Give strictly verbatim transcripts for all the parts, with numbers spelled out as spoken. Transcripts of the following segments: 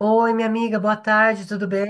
Oi, minha amiga, boa tarde, tudo bem?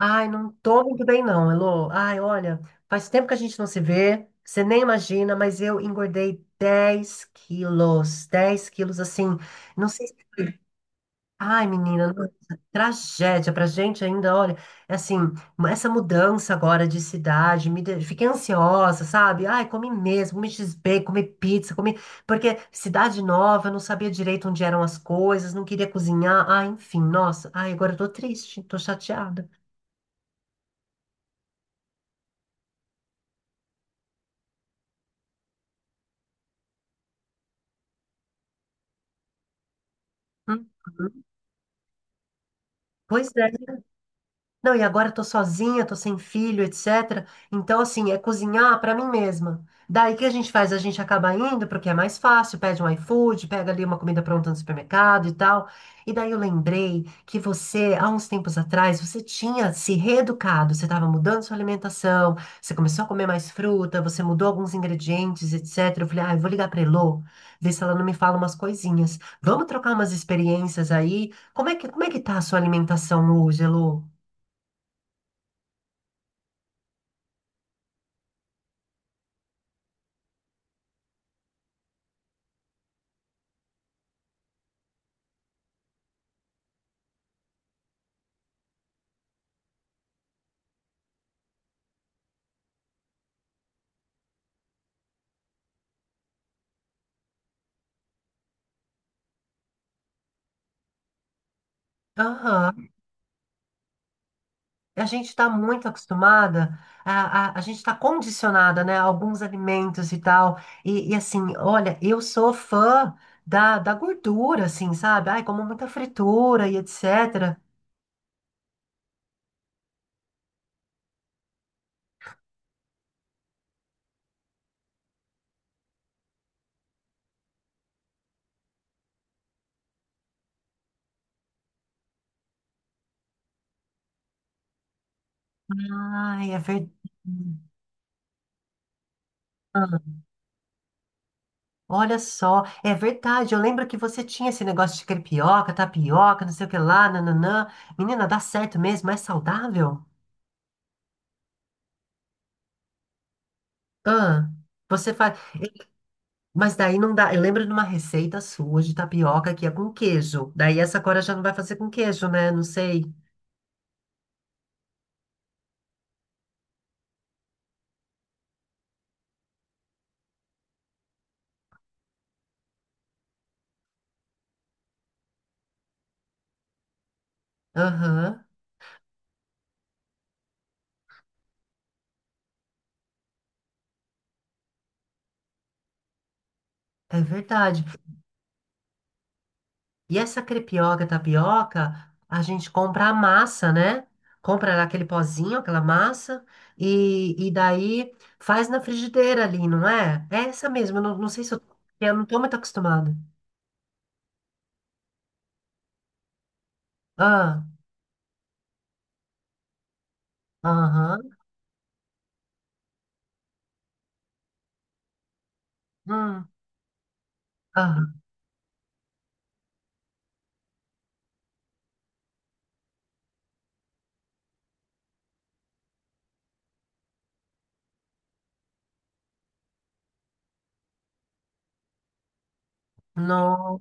Ai, não tô muito bem não, Elô. Ai, olha, faz tempo que a gente não se vê, você nem imagina, mas eu engordei dez quilos, dez quilos assim, não sei. Ai, menina, nossa, tragédia pra gente ainda, olha, é assim, essa mudança agora de cidade, me de- fiquei ansiosa, sabe? Ai, comi mesmo, comi X b comi pizza, comi, porque cidade nova, eu não sabia direito onde eram as coisas, não queria cozinhar, ai, enfim, nossa, ai, agora eu tô triste, tô chateada. Hum. Pois é. Não, e agora eu tô sozinha, tô sem filho, etcétera. Então, assim, é cozinhar pra mim mesma. Daí o que a gente faz? A gente acaba indo porque é mais fácil, pede um iFood, pega ali uma comida pronta no supermercado e tal. E daí eu lembrei que você, há uns tempos atrás, você tinha se reeducado, você estava mudando sua alimentação, você começou a comer mais fruta, você mudou alguns ingredientes, etcétera. Eu falei, ah, eu vou ligar pra Elô, ver se ela não me fala umas coisinhas. Vamos trocar umas experiências aí. Como é que, como é que tá a sua alimentação hoje, Elô? Aham. A gente está muito acostumada, a, a, a gente está condicionada, né, a alguns alimentos e tal. E, e assim, olha, eu sou fã da, da gordura, assim, sabe? Ai, como muita fritura e etcétera. Ai, é verdade. Olha só, é verdade. Eu lembro que você tinha esse negócio de crepioca, tapioca, não sei o que lá, nananã. Menina, dá certo mesmo? É saudável? Ah, você faz. Mas daí não dá. Eu lembro de uma receita sua de tapioca que é com queijo. Daí essa agora já não vai fazer com queijo, né? Não sei. Aham, é verdade. E essa crepioca, tapioca, a gente compra a massa, né? Compra aquele pozinho, aquela massa, e, e daí faz na frigideira ali, não é? É essa mesmo. Eu não, não sei se eu, eu não tô muito acostumada. Ah, aham, hum, aham. No-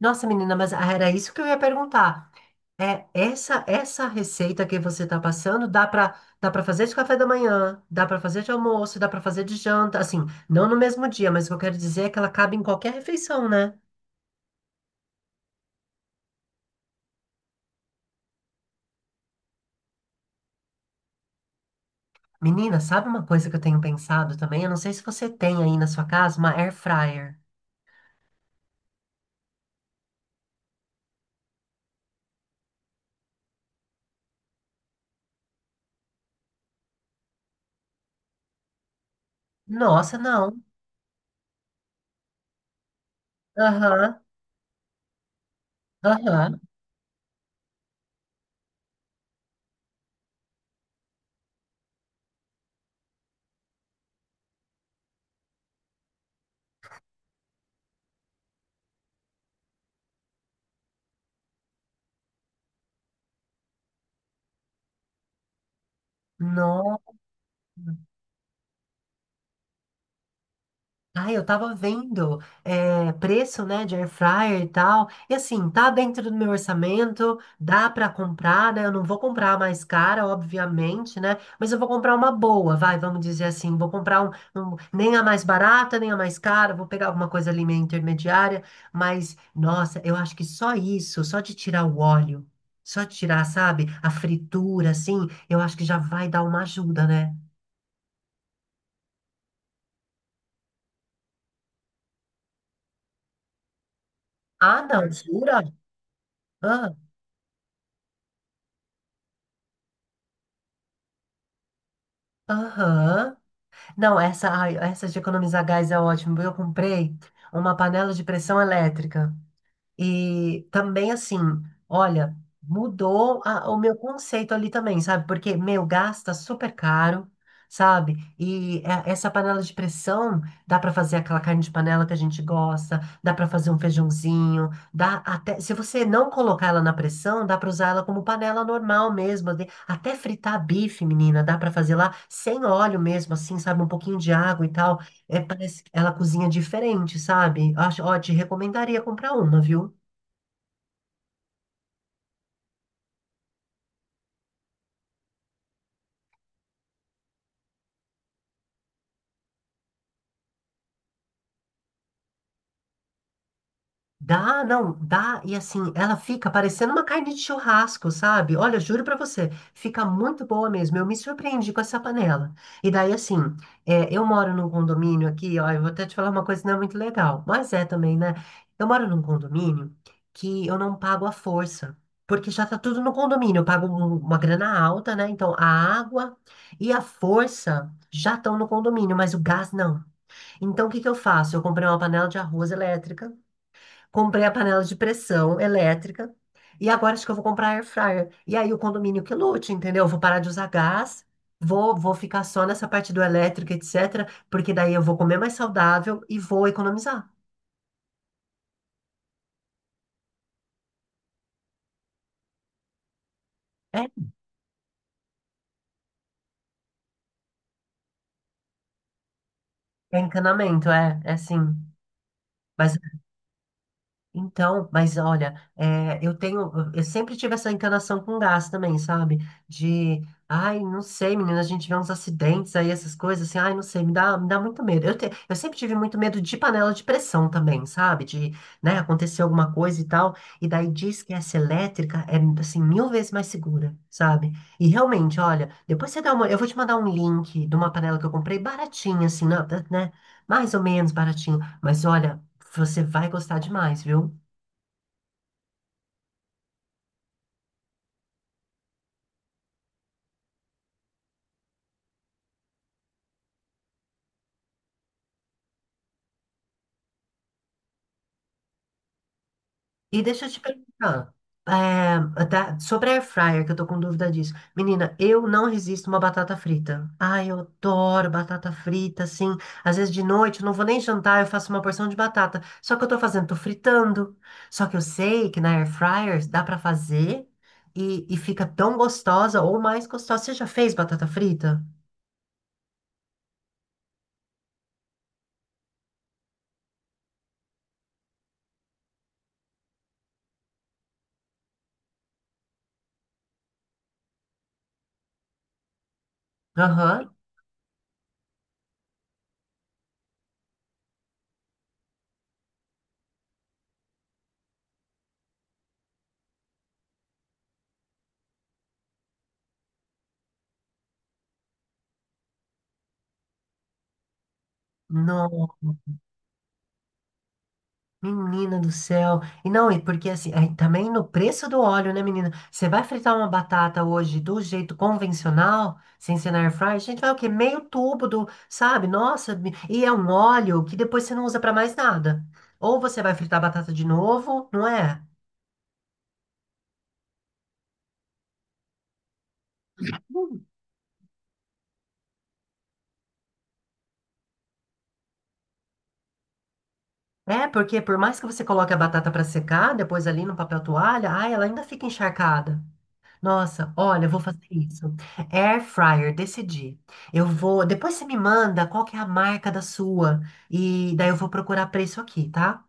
Nossa, menina, mas era isso que eu ia perguntar. É, essa essa receita que você está passando dá para dá para fazer de café da manhã, dá para fazer de almoço, dá para fazer de janta, assim, não no mesmo dia, mas o que eu quero dizer é que ela cabe em qualquer refeição, né? Menina, sabe uma coisa que eu tenho pensado também? Eu não sei se você tem aí na sua casa uma air fryer. Nossa, não. Aham, aham. Nossa. Ah, eu tava vendo eh, preço, né, de air fryer e tal. E assim, tá dentro do meu orçamento, dá pra comprar, né? Eu não vou comprar a mais cara, obviamente, né? Mas eu vou comprar uma boa, vai, vamos dizer assim. Vou comprar um, um- nem a mais barata, nem a mais cara. Vou pegar alguma coisa ali meio intermediária. Mas, nossa, eu acho que só isso, só de tirar o óleo, só de tirar, sabe, a fritura, assim, eu acho que já vai dar uma ajuda, né? Ah, não, jura? Ah, aham. Não, essa, ai, essa de economizar gás é ótimo. Eu comprei uma panela de pressão elétrica. E também assim, olha, mudou a- o meu conceito ali também, sabe? Porque, meu, gasta super caro, sabe? E é- essa panela de pressão dá pra fazer aquela carne de panela que a gente gosta, dá pra fazer um feijãozinho, dá até, se você não colocar ela na pressão, dá pra usar ela como panela normal mesmo, de- até fritar bife, menina, dá pra fazer lá sem óleo mesmo, assim, sabe? Um pouquinho de água e tal. É, parece que ela cozinha diferente, sabe? Acho, ó, te recomendaria comprar uma, viu? Dá, não, dá, e assim, ela fica parecendo uma carne de churrasco, sabe? Olha, juro pra você, fica muito boa mesmo. Eu me surpreendi com essa panela. E daí, assim, é, eu moro num condomínio aqui, ó, eu vou até te falar uma coisa que não é muito legal, mas é também, né? Eu moro num condomínio que eu não pago à força, porque já tá tudo no condomínio. Eu pago um- uma grana alta, né? Então, a água e a força já estão no condomínio, mas o gás não. Então, o que que eu faço? Eu comprei uma panela de arroz elétrica. Comprei a panela de pressão elétrica. E agora acho que eu vou comprar air fryer. E aí o condomínio que lute, entendeu? Eu vou parar de usar gás, vou, vou ficar só nessa parte do elétrico, etcétera. Porque daí eu vou comer mais saudável e vou economizar. É, é encanamento, é, é assim. Mas então, mas olha, é, eu tenho, eu sempre tive essa encanação com gás também, sabe? De, ai, não sei, menina, a gente vê uns acidentes aí, essas coisas, assim, ai, não sei, me dá, me dá muito medo. Eu, te- eu sempre tive muito medo de panela de pressão também, sabe? De, né, acontecer alguma coisa e tal, e daí diz que essa elétrica é, assim, mil vezes mais segura, sabe? E realmente, olha, depois você dá uma, eu vou te mandar um link de uma panela que eu comprei baratinha, assim, na- né? Mais ou menos baratinho. Mas olha, você vai gostar demais, viu? E deixa eu te perguntar, é, da- sobre a air fryer, que eu tô com dúvida disso. Menina, eu não resisto a uma batata frita. Ai, eu adoro batata frita, assim. Às vezes de noite eu não vou nem jantar, eu faço uma porção de batata. Só que eu tô fazendo, tô fritando. Só que eu sei que na air fryer dá pra fazer e, e fica tão gostosa ou mais gostosa. Você já fez batata frita? Aham. Nossa. Menina do céu. E não, e porque assim, aí também no preço do óleo, né, menina? Você vai fritar uma batata hoje do jeito convencional, sem ser na air fryer, gente vai o quê? Meio tubo do, sabe? Nossa, me- e é um óleo que depois você não usa pra mais nada. Ou você vai fritar a batata de novo, não é? Hum. É, porque por mais que você coloque a batata pra secar, depois ali no papel toalha, ai, ela ainda fica encharcada. Nossa, olha, eu vou fazer isso. Air fryer, decidi. Eu vou. Depois você me manda qual que é a marca da sua. E daí eu vou procurar preço aqui, tá?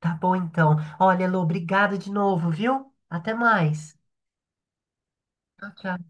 Tá bom, então. Olha, Elô, obrigada de novo, viu? Até mais. Tchau, tchau.